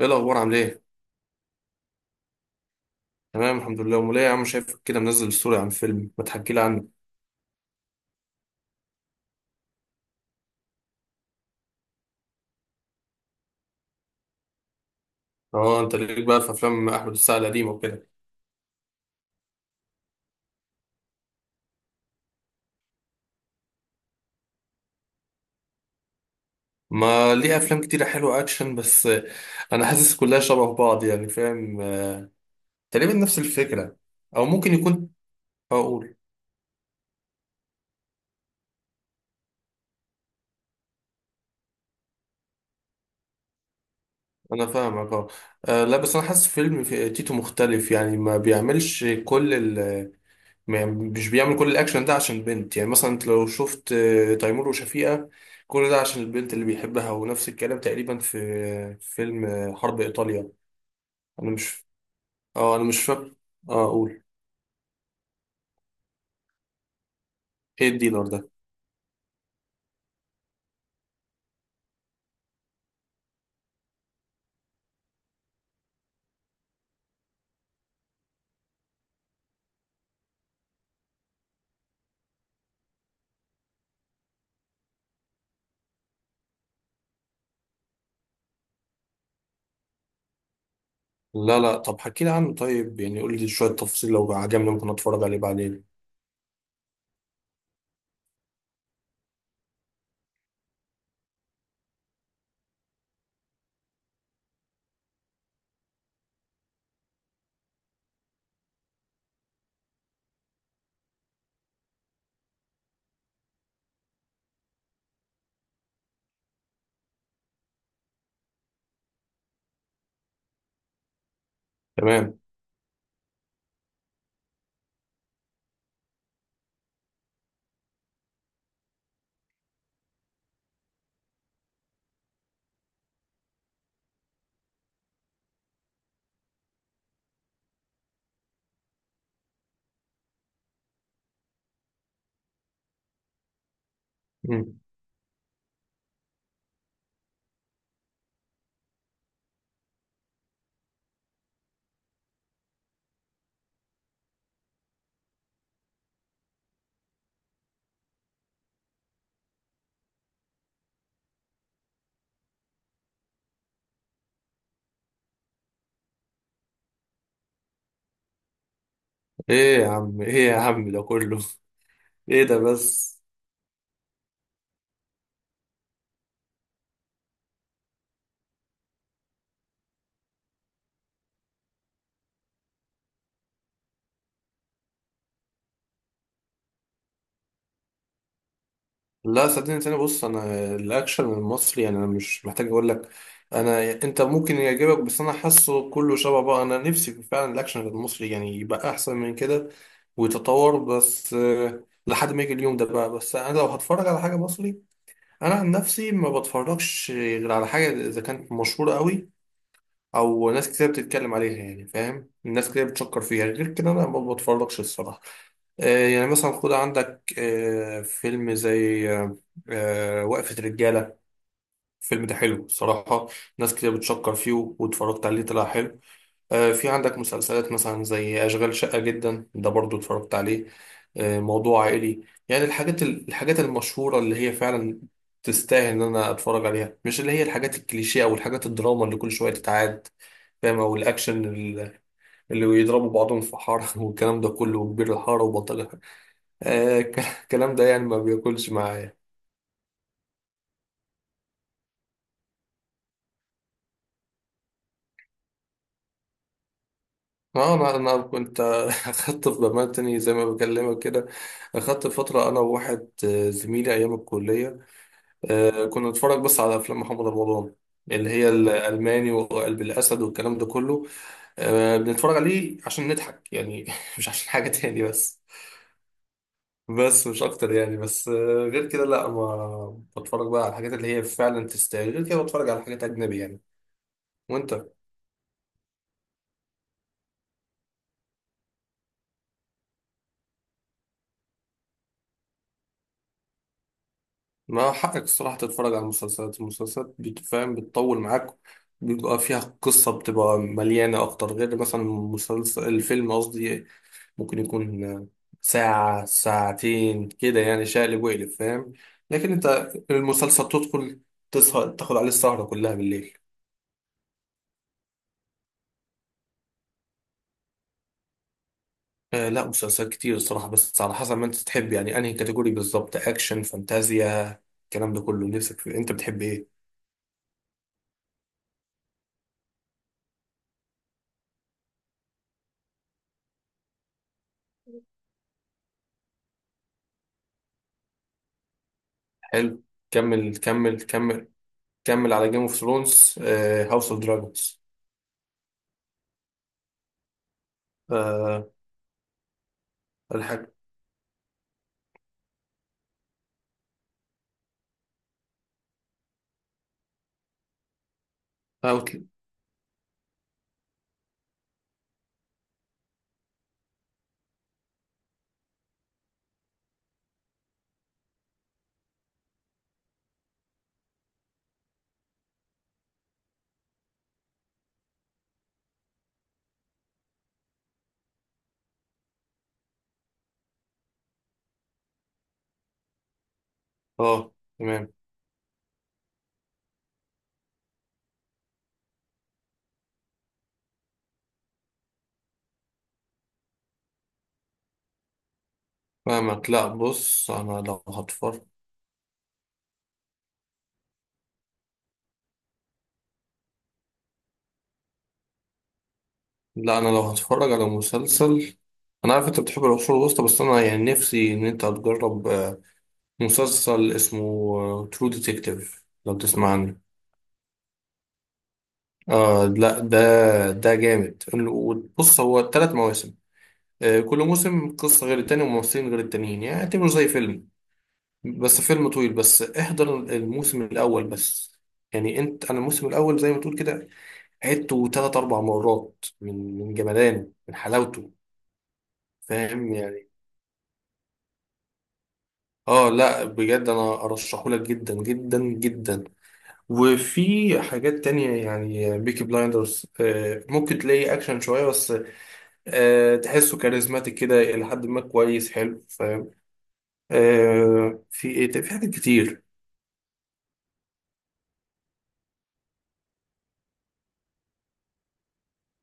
ايه الاخبار؟ عامل ايه؟ تمام، الحمد لله. امال ايه يا عم؟ شايفك كده منزل ستوري عن فيلم، ما تحكي لي عنه. اه، انت ليك بقى في افلام احمد السقا القديمه وكده؟ ما ليه افلام كتيره حلوه اكشن، بس انا حاسس كلها شبه بعض يعني، فاهم؟ تقريبا نفس الفكره. او ممكن يكون. اقول. انا فاهمك اه. لا بس انا حاسس فيلم في تيتو مختلف، يعني ما بيعملش كل. مش بيعمل كل الاكشن ده عشان البنت. يعني مثلا انت لو شفت تيمور وشفيقة، كل ده عشان البنت اللي بيحبها. ونفس الكلام تقريبا في في فيلم حرب ايطاليا. انا مش، اه انا مش فاكر. اه اقول. ايه الديلر ده؟ لا، لا، طب حكي لي عنه. طيب يعني قول لي شوية تفاصيل، لو عجبني ممكن اتفرج عليه بعدين. تمام. مم. ايه يا عم، ايه يا عم، ده كله؟ ايه ده بس؟ لا صدقني. تاني بص، انا الاكشن المصري يعني انا مش محتاج اقول لك. انا، انت ممكن يعجبك بس انا حاسه كله شبه بقى. انا نفسي في فعلا الاكشن المصري يعني يبقى احسن من كده ويتطور، بس لحد ما يجي اليوم ده بقى. بس انا لو هتفرج على حاجه مصري، انا عن نفسي ما بتفرجش غير على حاجه اذا كانت مشهوره قوي. او ناس كتير بتتكلم عليها، يعني فاهم؟ الناس كتير بتشكر فيها. غير كده انا ما بتفرجش الصراحه. يعني مثلا خد عندك فيلم زي وقفة رجالة. الفيلم ده حلو الصراحة. ناس كتير بتشكر فيه واتفرجت عليه طلع حلو. في عندك مسلسلات مثلا زي أشغال شقة جدا، ده برضو اتفرجت عليه. موضوع عائلي. يعني الحاجات المشهورة اللي هي فعلا تستاهل إن أنا أتفرج عليها، مش اللي هي الحاجات الكليشيه أو الحاجات الدراما اللي كل شوية تتعاد. فاهم؟ أو الأكشن اللي بيضربوا بعضهم في حارة والكلام ده كله، وكبير الحارة، وبلطجة الحارة. الكلام ده يعني ما بياكلش معايا. اه انا كنت اخدت في بمال تاني زي ما بكلمك كده. اخدت فتره انا وواحد زميلي ايام الكليه. كنا نتفرج بس على افلام محمد رمضان، اللي هي الالماني وقلب الاسد والكلام ده كله. بنتفرج عليه عشان نضحك يعني مش عشان حاجه تاني، بس بس مش اكتر يعني، بس غير كده لا ما بتفرج بقى على الحاجات اللي هي فعلا تستاهل. غير كده بتفرج على حاجات اجنبي يعني. وانت؟ ما حقك الصراحه تتفرج على المسلسلات. المسلسلات بتفهم بتطول معاك، بيبقى فيها قصة بتبقى مليانة أكتر، غير مثلا مسلسل، الفيلم قصدي، ممكن يكون ساعة ساعتين كده، يعني شقلب وقلب، فاهم؟ لكن انت، المسلسل تدخل تسهر تاخد عليه السهرة كلها بالليل. آه لا، مسلسلات كتير الصراحة، بس على حسب ما انت تحب، يعني انهي كاتيجوري بالظبط؟ اكشن، فانتازيا، الكلام ده كله. نفسك في انت بتحب ايه؟ حلو. كمل كمل كمل. كمل على جيم اوف ثرونز. هاوس اوف دراجونز. الحاجة. اوت. اه. تمام. فاهمك. لا بص انا لو هتفرج، لا انا لو هتفرج على مسلسل، انا عارف انت بتحب العصور الوسطى، بس انا يعني نفسي ان انت تجرب مسلسل اسمه ترو ديتكتيف، لو تسمع عنه. آه لا، ده جامد. بص هو ثلاث مواسم. آه، كل موسم قصة غير التاني وممثلين غير التانيين، يعني اعتبره زي فيلم، بس فيلم طويل. بس احضر الموسم الاول بس. يعني انت، انا الموسم الاول زي ما تقول كده عدته ثلاث اربع مرات، من جمدانه، من حلاوته. فاهم يعني؟ اه لا بجد، انا ارشحهولك جدا جدا جدا. وفي حاجات تانية، يعني بيكي بلايندرز ممكن تلاقي اكشن شوية، بس تحسه كاريزماتيك كده الى حد ما، كويس حلو فاهم؟ في ايه تاني؟ في حاجات كتير.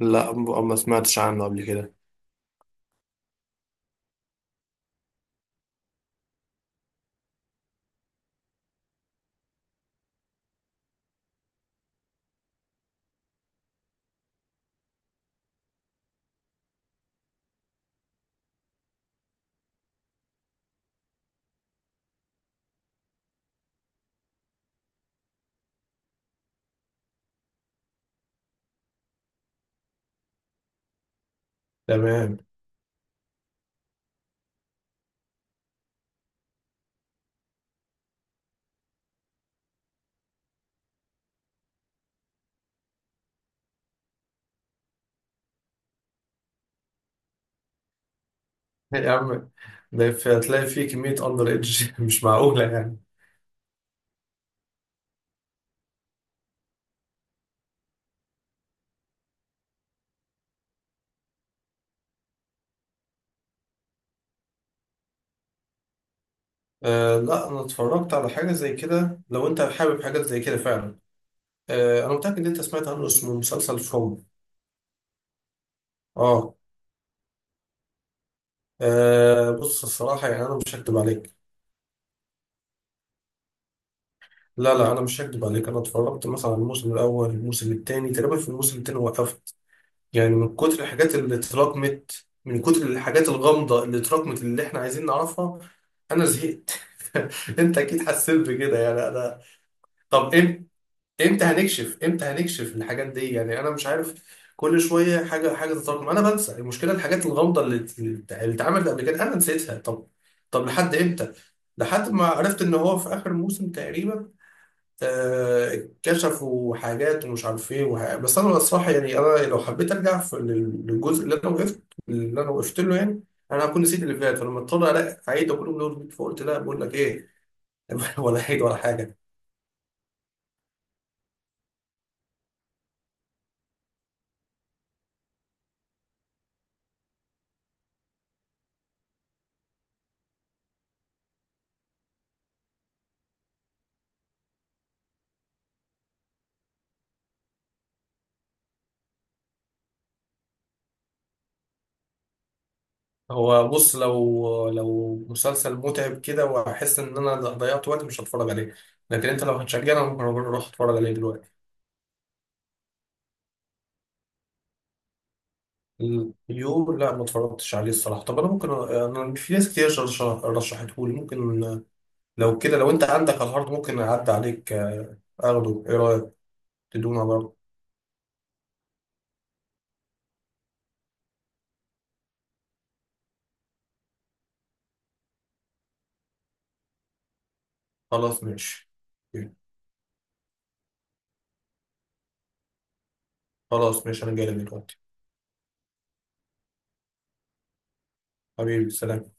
لا ما سمعتش عنه قبل كده. تمام. يا عم ده هتلاقي فيه كمية أندر إيدج مش معقولة يعني. آه لا، أنا اتفرجت على حاجة زي كده. لو أنت حابب حاجات زي كده فعلا، آه أنا متأكد إن أنت سمعت عنه، اسمه مسلسل فروم. اه. بص الصراحة يعني أنا مش هكدب عليك. لا، لا، أنا مش هكدب عليك. أنا اتفرجت مثلا على الموسم الأول، الموسم التاني تقريبا، في الموسم التاني وقفت. يعني من كتر الحاجات اللي اتراكمت، من كتر الحاجات الغامضة اللي اتراكمت، اللي إحنا عايزين نعرفها، أنا زهقت. أنت أكيد حسيت بكده يعني، أنا. طب إمتى؟ امتى هنكشف الحاجات دي، يعني انا مش عارف. كل شويه حاجه حاجه تتراكم، انا بنسى. المشكله الحاجات الغامضه اللي اتعملت قبل كده، انا نسيتها. طب، طب لحد امتى؟ لحد ما عرفت ان هو في اخر موسم تقريبا، كشفوا حاجات ومش عارف ايه بس انا الصراحه، يعني انا لو حبيت ارجع في للجزء، اللي انا وقفت له يعني، انا هكون نسيت اللي فات، فلما اضطر الاقي اعيد كل من اول، فقلت لا، بقول لك ايه؟ ولا عيد ولا حاجه. هو بص، لو مسلسل متعب كده واحس ان انا ضيعت وقت، مش هتفرج عليه. لكن انت لو هتشجعني انا ممكن اروح اتفرج عليه دلوقتي. يو؟ لا ما اتفرجتش عليه الصراحه. طب انا ممكن، انا في ناس كتير رشحته لي، ممكن لو كده، لو انت عندك على الهارد ممكن اعدي عليك اخده، ايه رايك؟ تدونا برضه؟ خلاص ماشي. خلاص ماشي، انا جاي لك دلوقتي. حبيبي، سلام.